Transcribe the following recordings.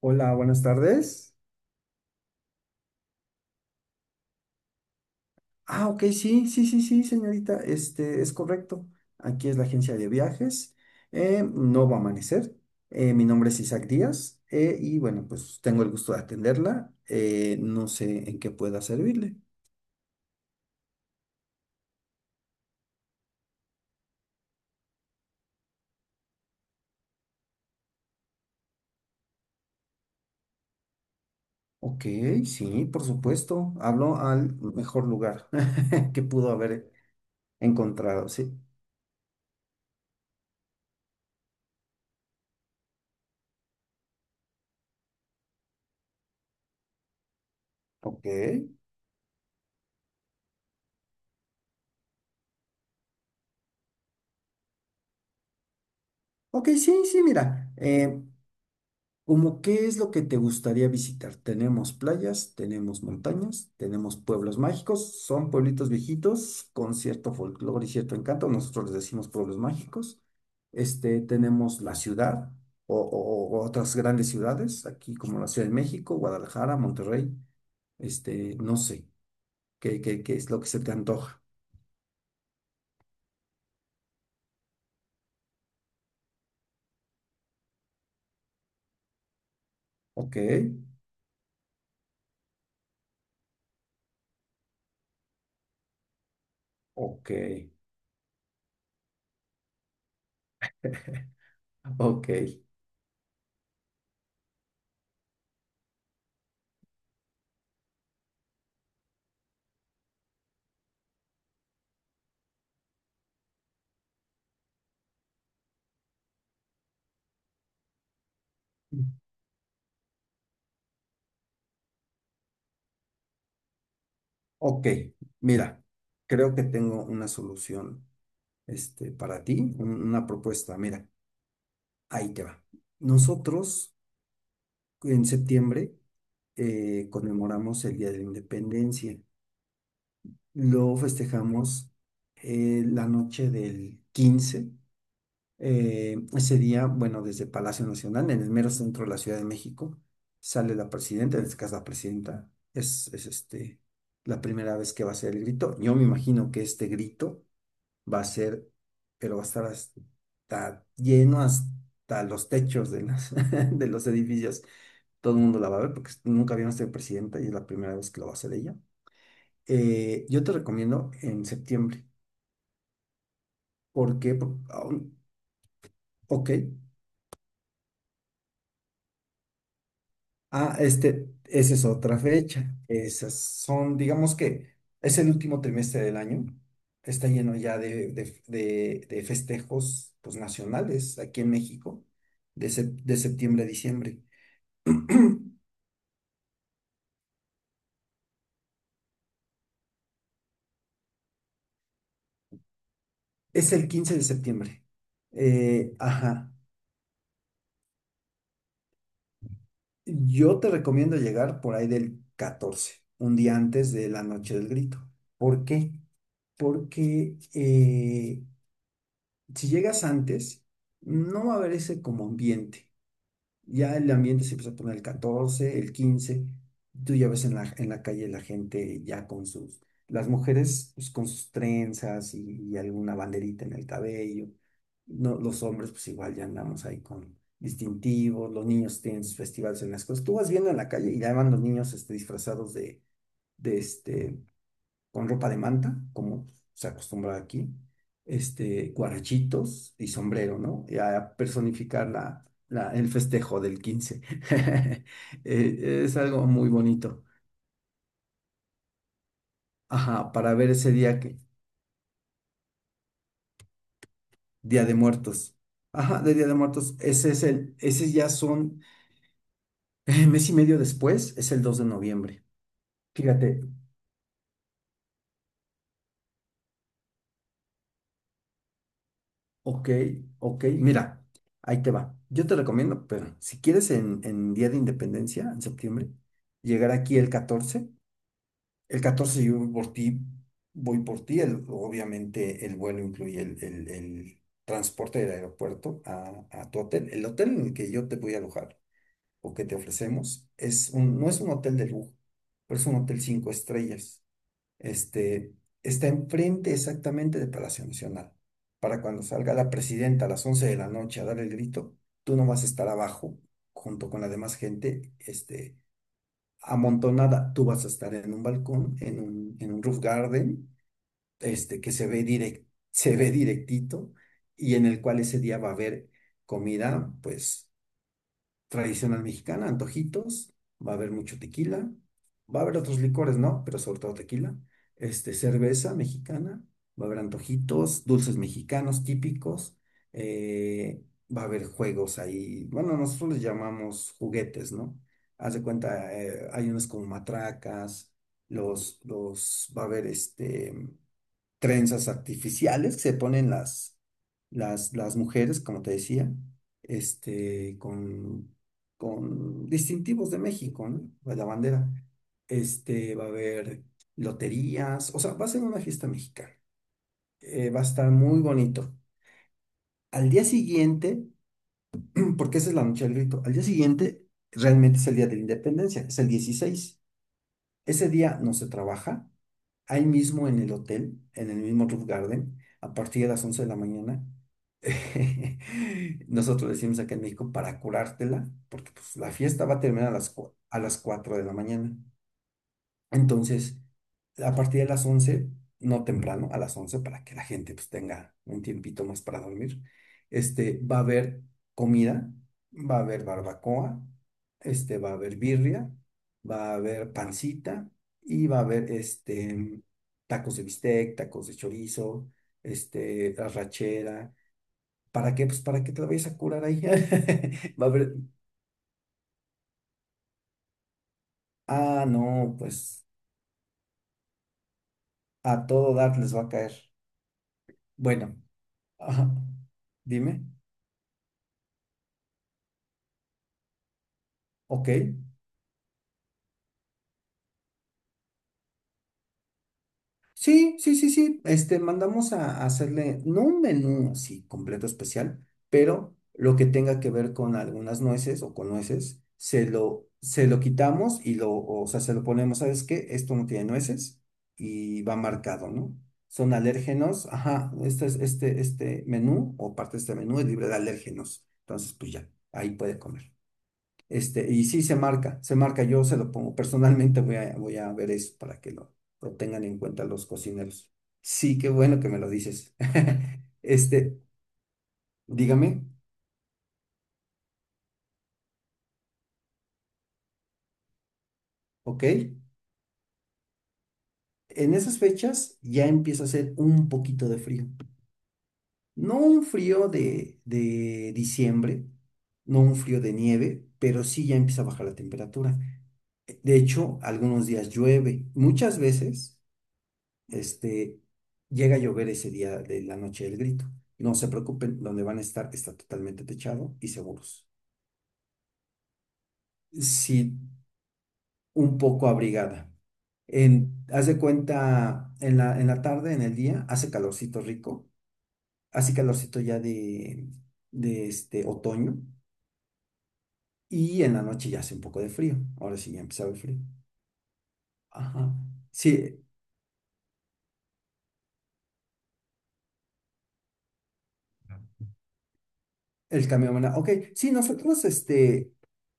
Hola, buenas tardes. Ah, ok, sí, sí, sí, sí, señorita, este es correcto. Aquí es la agencia de viajes. No va a amanecer. Mi nombre es Isaac Díaz, y bueno, pues tengo el gusto de atenderla. No sé en qué pueda servirle. Ok, sí, por supuesto. Hablo al mejor lugar que pudo haber encontrado, sí. Ok. Ok, sí, sí, mira. ¿Cómo qué es lo que te gustaría visitar? Tenemos playas, tenemos montañas, tenemos pueblos mágicos, son pueblitos viejitos con cierto folclore y cierto encanto, nosotros les decimos pueblos mágicos. Tenemos la ciudad o otras grandes ciudades, aquí como la Ciudad de México, Guadalajara, Monterrey, no sé, qué es lo que se te antoja. Ok, ok, ok, ok, mira, creo que tengo una solución, para ti una propuesta. Mira, ahí te va. Nosotros en septiembre conmemoramos el Día de la Independencia. Lo festejamos la noche del 15. Ese día, bueno, desde Palacio Nacional, en el mero centro de la Ciudad de México, sale la presidenta, en este caso la presidenta, es la primera vez que va a hacer el grito. Yo me imagino que este grito va a ser, pero va a estar hasta lleno hasta los techos de de los edificios. Todo el mundo la va a ver porque nunca había sido presidenta y es la primera vez que lo va a hacer ella. Yo te recomiendo en septiembre. ¿Por qué? Ok. Ah, esa es otra fecha. Esas son, digamos que es el último trimestre del año. Está lleno ya de festejos, pues, nacionales aquí en México, de septiembre a diciembre. Es el 15 de septiembre. Ajá. Yo te recomiendo llegar por ahí del 14, un día antes de la noche del grito. ¿Por qué? Porque si llegas antes, no va a haber ese como ambiente. Ya el ambiente se empezó a poner el 14, el 15. Tú ya ves en la calle la gente ya las mujeres, pues, con sus trenzas y alguna banderita en el cabello. No, los hombres pues igual ya andamos ahí con distintivos, los niños tienen sus festivales en las cosas. Tú vas viendo en la calle y ya van los niños, disfrazados de, este, con ropa de manta, como se acostumbra aquí, guarachitos y sombrero, ¿no? Y a personificar el festejo del 15. Es algo muy bonito. Ajá, para ver ese día que, Día de Muertos. Ajá, de Día de Muertos, ese ya son, mes y medio después, es el 2 de noviembre. Fíjate. Ok, ok, mira, ahí te va. Yo te recomiendo, pero si quieres en, Día de Independencia, en septiembre, llegar aquí el 14. El 14 yo voy por ti, voy por ti. Obviamente el vuelo incluye el transporte del aeropuerto a tu hotel. El hotel en el que yo te voy a alojar o que te ofrecemos no es un hotel de lujo, pero es un hotel cinco estrellas. este, Está enfrente exactamente de Palacio Nacional. Para cuando salga la presidenta a las 11 de la noche a dar el grito, tú no vas a estar abajo junto con la demás gente, amontonada. Tú vas a estar en un balcón, en un roof garden, que se ve directito, y en el cual ese día va a haber comida, pues, tradicional mexicana, antojitos, va a haber mucho tequila, va a haber otros licores, ¿no? Pero sobre todo tequila, cerveza mexicana, va a haber antojitos, dulces mexicanos típicos, eh, va a haber juegos ahí, bueno, nosotros les llamamos juguetes, ¿no? Haz de cuenta, hay unos como matracas, va a haber, trenzas artificiales que se ponen las mujeres, como te decía, este, con, con distintivos de México, ¿no? La bandera. Va a haber loterías, o sea, va a ser una fiesta mexicana. Va a estar muy bonito. Al día siguiente, porque esa es la noche del grito, al día siguiente realmente es el día de la independencia, es el 16. Ese día no se trabaja, ahí mismo en el hotel, en el mismo Roof Garden, a partir de las 11 de la mañana. Nosotros decimos acá en México para curártela, porque, pues, la fiesta va a terminar a las 4 de la mañana. Entonces, a partir de las 11, no temprano, a las 11, para que la gente pues tenga un tiempito más para dormir, va a haber comida, va a haber barbacoa, va a haber birria, va a haber pancita, y va a haber, tacos de bistec, tacos de chorizo, arrachera. ¿Para qué? Pues para que te la vayas a curar ahí. Va a haber, ah, no, pues a todo dar les va a caer. Bueno. Ajá. Dime. Ok. Sí, sí, sí, sí. Mandamos a hacerle, no un menú así completo especial, pero lo que tenga que ver con algunas nueces o con nueces, se lo quitamos y lo, o sea, se lo ponemos, ¿sabes qué? Esto no tiene nueces y va marcado, ¿no? Son alérgenos, ajá, este menú o parte de este menú es libre de alérgenos. Entonces, pues ya, ahí puede comer. Y sí se marca, yo se lo pongo. Personalmente voy a ver eso para que lo tengan en cuenta los cocineros. Sí, qué bueno que me lo dices. Este, Dígame, ¿ok? En esas fechas ya empieza a hacer un poquito de frío. No un frío de diciembre, no un frío de nieve, pero sí ya empieza a bajar la temperatura. De hecho, algunos días llueve. Muchas veces. Este, Llega a llover ese día de la noche del grito. No se preocupen, donde van a estar está totalmente techado y seguros. Sí, un poco abrigada. Haz de cuenta, en la tarde, en el día, hace calorcito rico, hace calorcito ya de este otoño, y en la noche ya hace un poco de frío. Ahora sí ya empezaba el frío. Ajá. Sí, el cambio de moneda. Ok, sí, nosotros,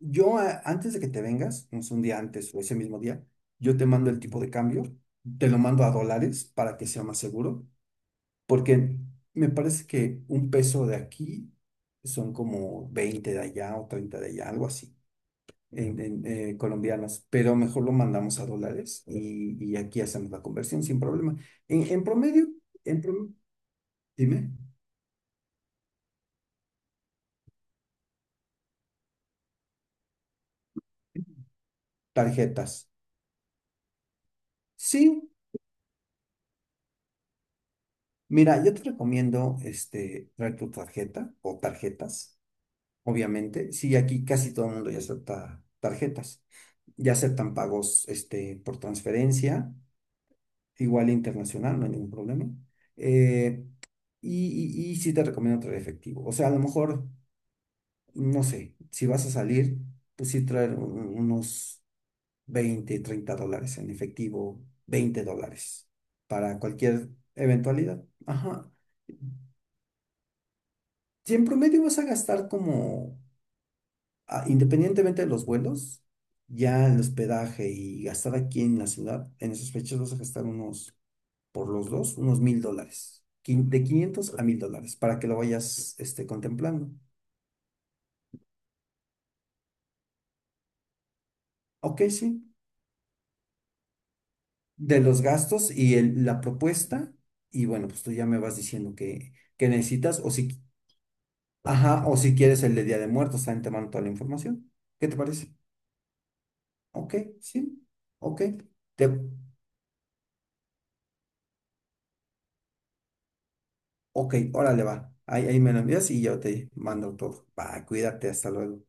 yo antes de que te vengas, no sé, un día antes o ese mismo día, yo te mando el tipo de cambio, te lo mando a dólares para que sea más seguro, porque me parece que un peso de aquí son como 20 de allá o 30 de allá, algo así, en, colombianos, pero mejor lo mandamos a dólares y aquí hacemos la conversión sin problema. En promedio, en promedio, dime, tarjetas. Sí, mira, yo te recomiendo traer tu tarjeta o tarjetas, obviamente. Sí, aquí casi todo el mundo ya acepta tarjetas. Ya aceptan pagos, por transferencia, igual internacional, no hay ningún problema. Eh, y sí te recomiendo traer efectivo. O sea, a lo mejor, no sé, si vas a salir, pues sí traer unos 20, 30 dólares en efectivo, 20 dólares para cualquier eventualidad. Ajá. Si en promedio vas a gastar como, ah, independientemente de los vuelos, ya el hospedaje y gastar aquí en la ciudad, en esas fechas vas a gastar unos, por los dos, unos 1,000 dólares. De 500 a 1,000 dólares para que lo vayas, contemplando. Ok, sí. De los gastos y la propuesta. Y bueno, pues tú ya me vas diciendo que necesitas o si, ajá, o si quieres el de Día de Muertos, también te mando toda la información. ¿Qué te parece? Ok, sí. Ok. Te, Ok, órale, va. Ahí me lo envías y yo te mando todo. Va, cuídate, hasta luego.